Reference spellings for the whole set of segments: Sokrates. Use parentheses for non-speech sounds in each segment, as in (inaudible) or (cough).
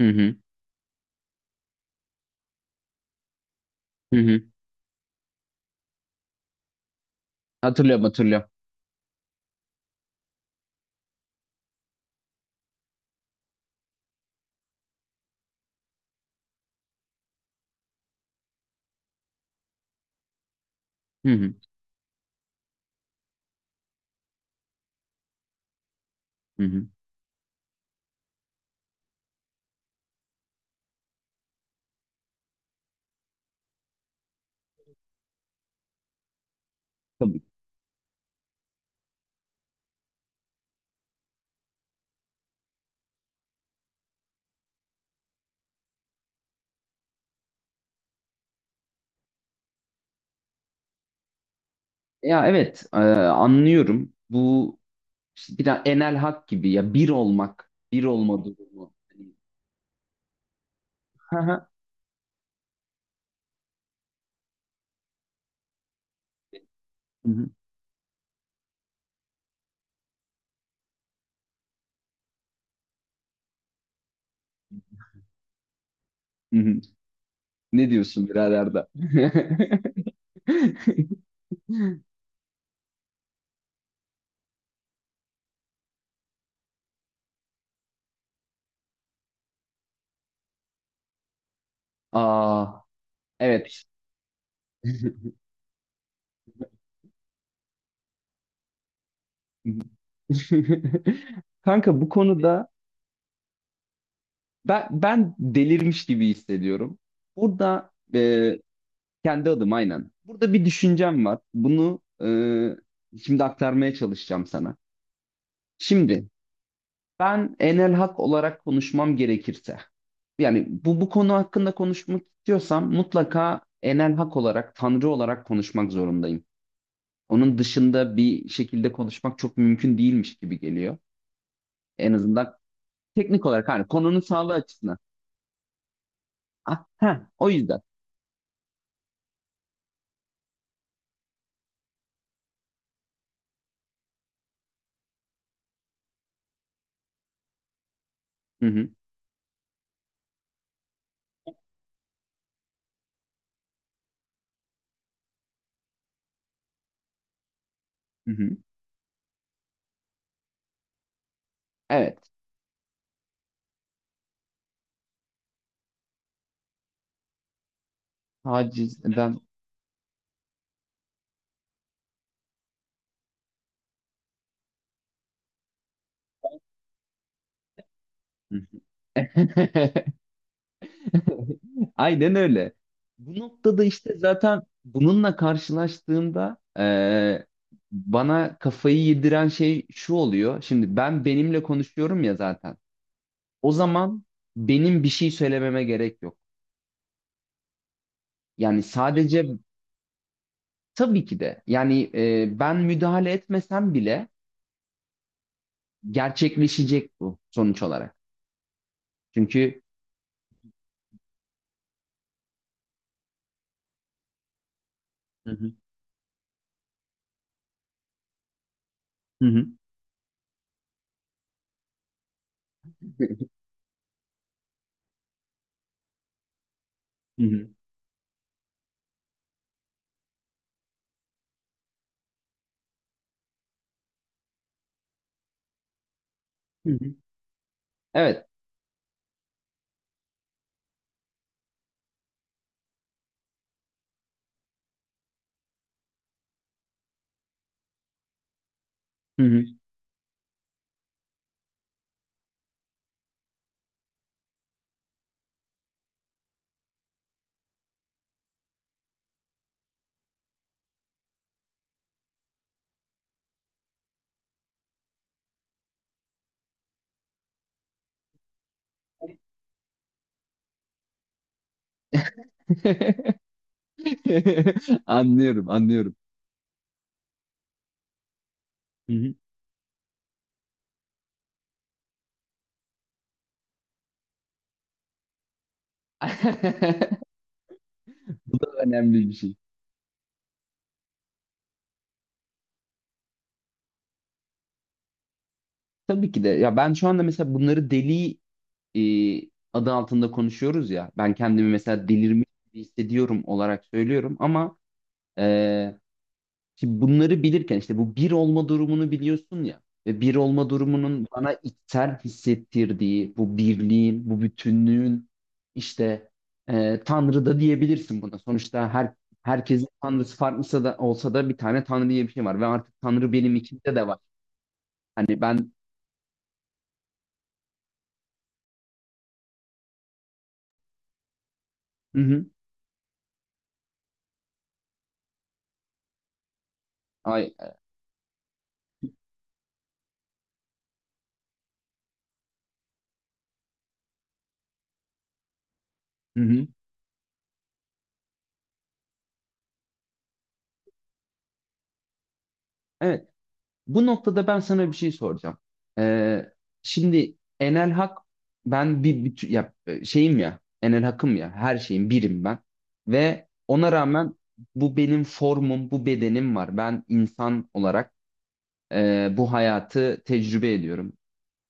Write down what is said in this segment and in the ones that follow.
Hı hı. Hı hı. Hatırlıyorum hatırlıyorum. Hı hı. Hı hı. Tabii. Ya evet anlıyorum. Bu işte biraz enel hak gibi ya bir olmak, bir olma durumu. Hani, Hı hı. Hı hı. Hı hı. Ne diyorsun birader de? (laughs) Aa, evet. (laughs) Kanka bu konuda ben delirmiş gibi hissediyorum. Burada. Kendi adım aynen. Burada bir düşüncem var. Bunu şimdi aktarmaya çalışacağım sana. Şimdi ben enel hak olarak konuşmam gerekirse yani bu konu hakkında konuşmak istiyorsam mutlaka enel hak olarak tanrı olarak konuşmak zorundayım. Onun dışında bir şekilde konuşmak çok mümkün değilmiş gibi geliyor. En azından teknik olarak hani konunun sağlığı açısından. Ah, heh, o yüzden. Hı hı, hı hı. Evet. Taciz eden. (laughs) Aynen öyle. Bu noktada işte zaten bununla karşılaştığımda bana kafayı yediren şey şu oluyor. Şimdi ben benimle konuşuyorum ya zaten. O zaman benim bir şey söylememe gerek yok. Yani sadece tabii ki de yani ben müdahale etmesem bile gerçekleşecek bu sonuç olarak. Çünkü Hı hı. Hı hı. Hı hı. Hı hı. Evet. Hı hı. (laughs) Anlıyorum, anlıyorum. Hı hı. (laughs) Bu da önemli bir şey. Tabii ki de. Ya ben şu anda mesela bunları deli e, adı altında konuşuyoruz ya. Ben kendimi mesela delirmiş gibi hissediyorum olarak söylüyorum ama e, şimdi bunları bilirken işte bu bir olma durumunu biliyorsun ya ve bir olma durumunun bana içsel hissettirdiği bu birliğin, bu bütünlüğün işte Tanrı da diyebilirsin buna. Sonuçta her herkesin tanrısı farklısa da olsa da bir tane tanrı diye bir şey var ve artık tanrı benim içimde de var. Hani ben hı hı, ay- Hı hı. Evet, bu noktada ben sana bir şey soracağım. Ee, şimdi Enel Hak ben bir, bütün ya şeyim ya Enel Hak'ım ya her şeyim birim ben ve ona rağmen bu benim formum bu bedenim var. Ben insan olarak bu hayatı tecrübe ediyorum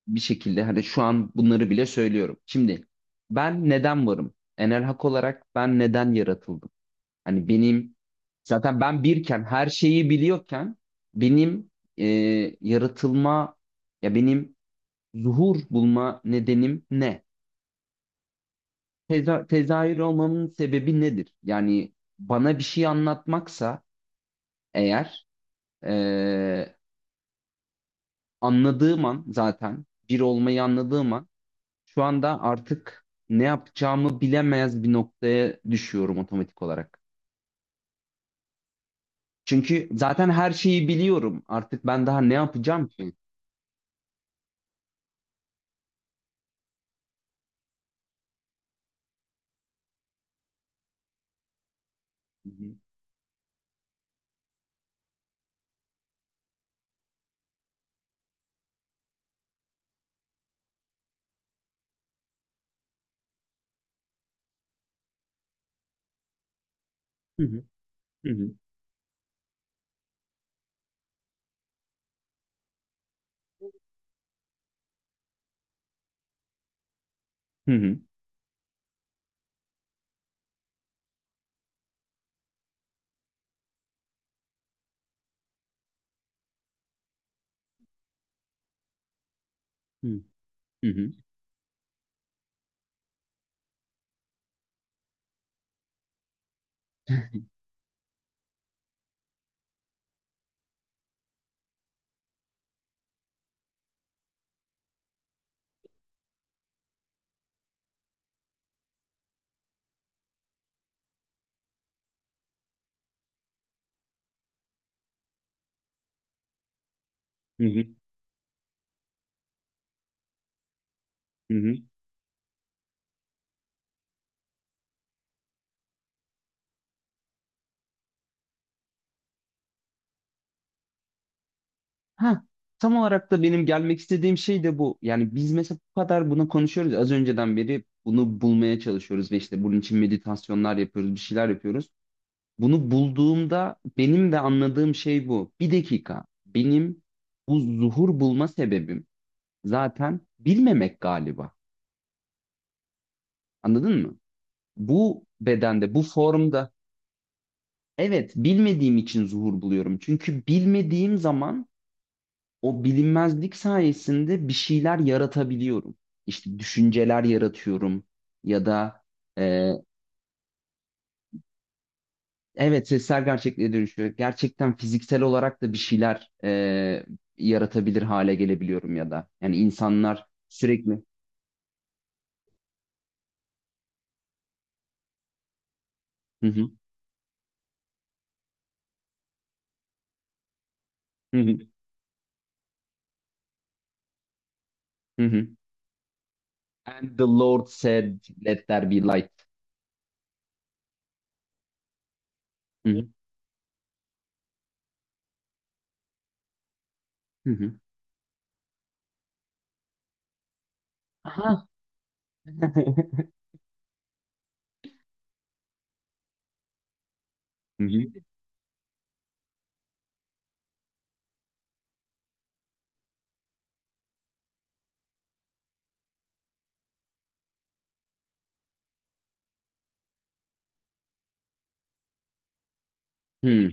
bir şekilde hani şu an bunları bile söylüyorum. Şimdi ben neden varım? Enel Hak olarak ben neden yaratıldım? Hani benim zaten ben birken her şeyi biliyorken benim e, yaratılma ya benim zuhur bulma nedenim ne? Tezahür olmamın sebebi nedir? Yani bana bir şey anlatmaksa eğer e, anladığım an zaten bir olmayı anladığım an şu anda artık ne yapacağımı bilemez bir noktaya düşüyorum otomatik olarak. Çünkü zaten her şeyi biliyorum. Artık ben daha ne yapacağım ki? Hı hı. Hı hı. Hı hı. Hı hı. Hı hı. Hı hı. Ha, tam olarak da benim gelmek istediğim şey de bu. Yani biz mesela bu kadar bunu konuşuyoruz. Az önceden beri bunu bulmaya çalışıyoruz ve işte bunun için meditasyonlar yapıyoruz, bir şeyler yapıyoruz. Bunu bulduğumda benim de anladığım şey bu. Bir dakika. Benim bu zuhur bulma sebebim zaten bilmemek galiba. Anladın mı? Bu bedende, bu formda evet bilmediğim için zuhur buluyorum. Çünkü bilmediğim zaman o bilinmezlik sayesinde bir şeyler yaratabiliyorum. İşte düşünceler yaratıyorum ya da e, evet sesler gerçekliğe dönüşüyor. Gerçekten fiziksel olarak da bir şeyler yaratabilir hale gelebiliyorum ya da. Yani insanlar sürekli hı hı, hı hı, hı hı. And the Lord said, let there be light. Hı hı, hı hı. Aha. (laughs) Hı hı, hı hı,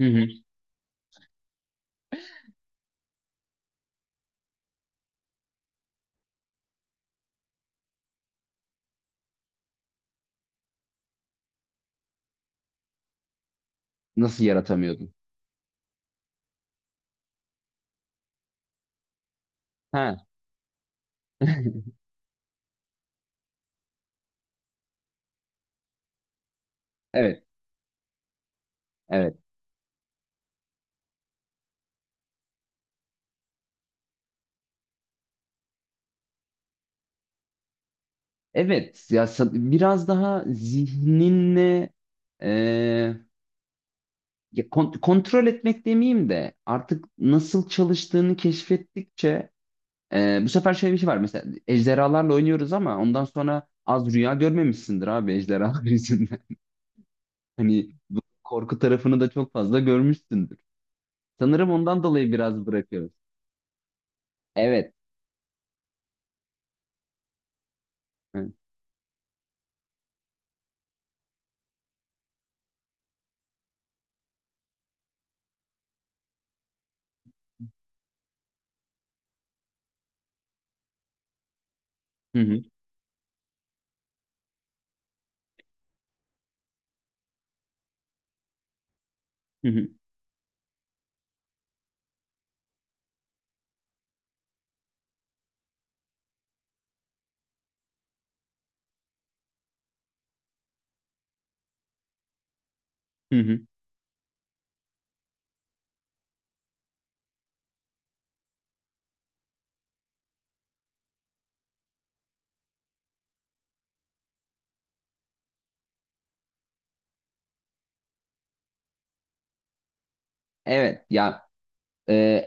hı hı. Nasıl yaratamıyordun? Ha, (laughs) evet, evet. Evet ya biraz daha zihninle e, ya kontrol etmek demeyeyim de artık nasıl çalıştığını keşfettikçe bu sefer şöyle bir şey var mesela ejderhalarla oynuyoruz ama ondan sonra az rüya görmemişsindir abi ejderhalar (laughs) yüzünden. Hani bu korku tarafını da çok fazla görmüşsündür. Sanırım ondan dolayı biraz bırakıyoruz. Evet. Hı hı hı hı. Hı hı. Evet ya e,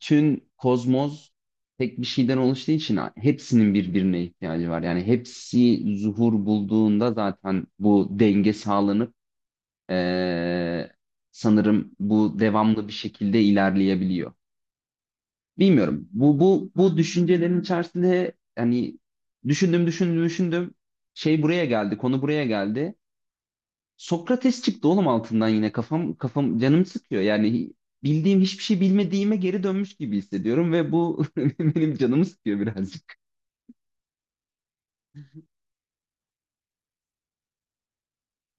tüm kozmos tek bir şeyden oluştuğu için hepsinin birbirine ihtiyacı var. Yani hepsi zuhur bulduğunda zaten bu denge sağlanıp e, sanırım bu devamlı bir şekilde ilerleyebiliyor. Bilmiyorum. Bu düşüncelerin içerisinde hani düşündüm düşündüm düşündüm şey buraya geldi, konu buraya geldi. Sokrates çıktı oğlum altından yine kafam canım sıkıyor. Yani bildiğim hiçbir şey bilmediğime geri dönmüş gibi hissediyorum ve bu (laughs) benim canımı sıkıyor birazcık.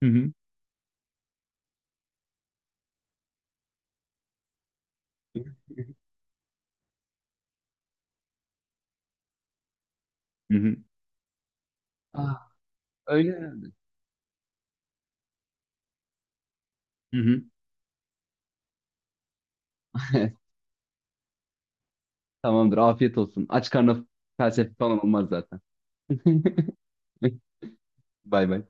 Hı hı. Hı hı. Ah, öyle. Hı hı. (laughs) Tamamdır, afiyet olsun. Aç karnına felsefe falan olmaz zaten. (laughs) Bay bay.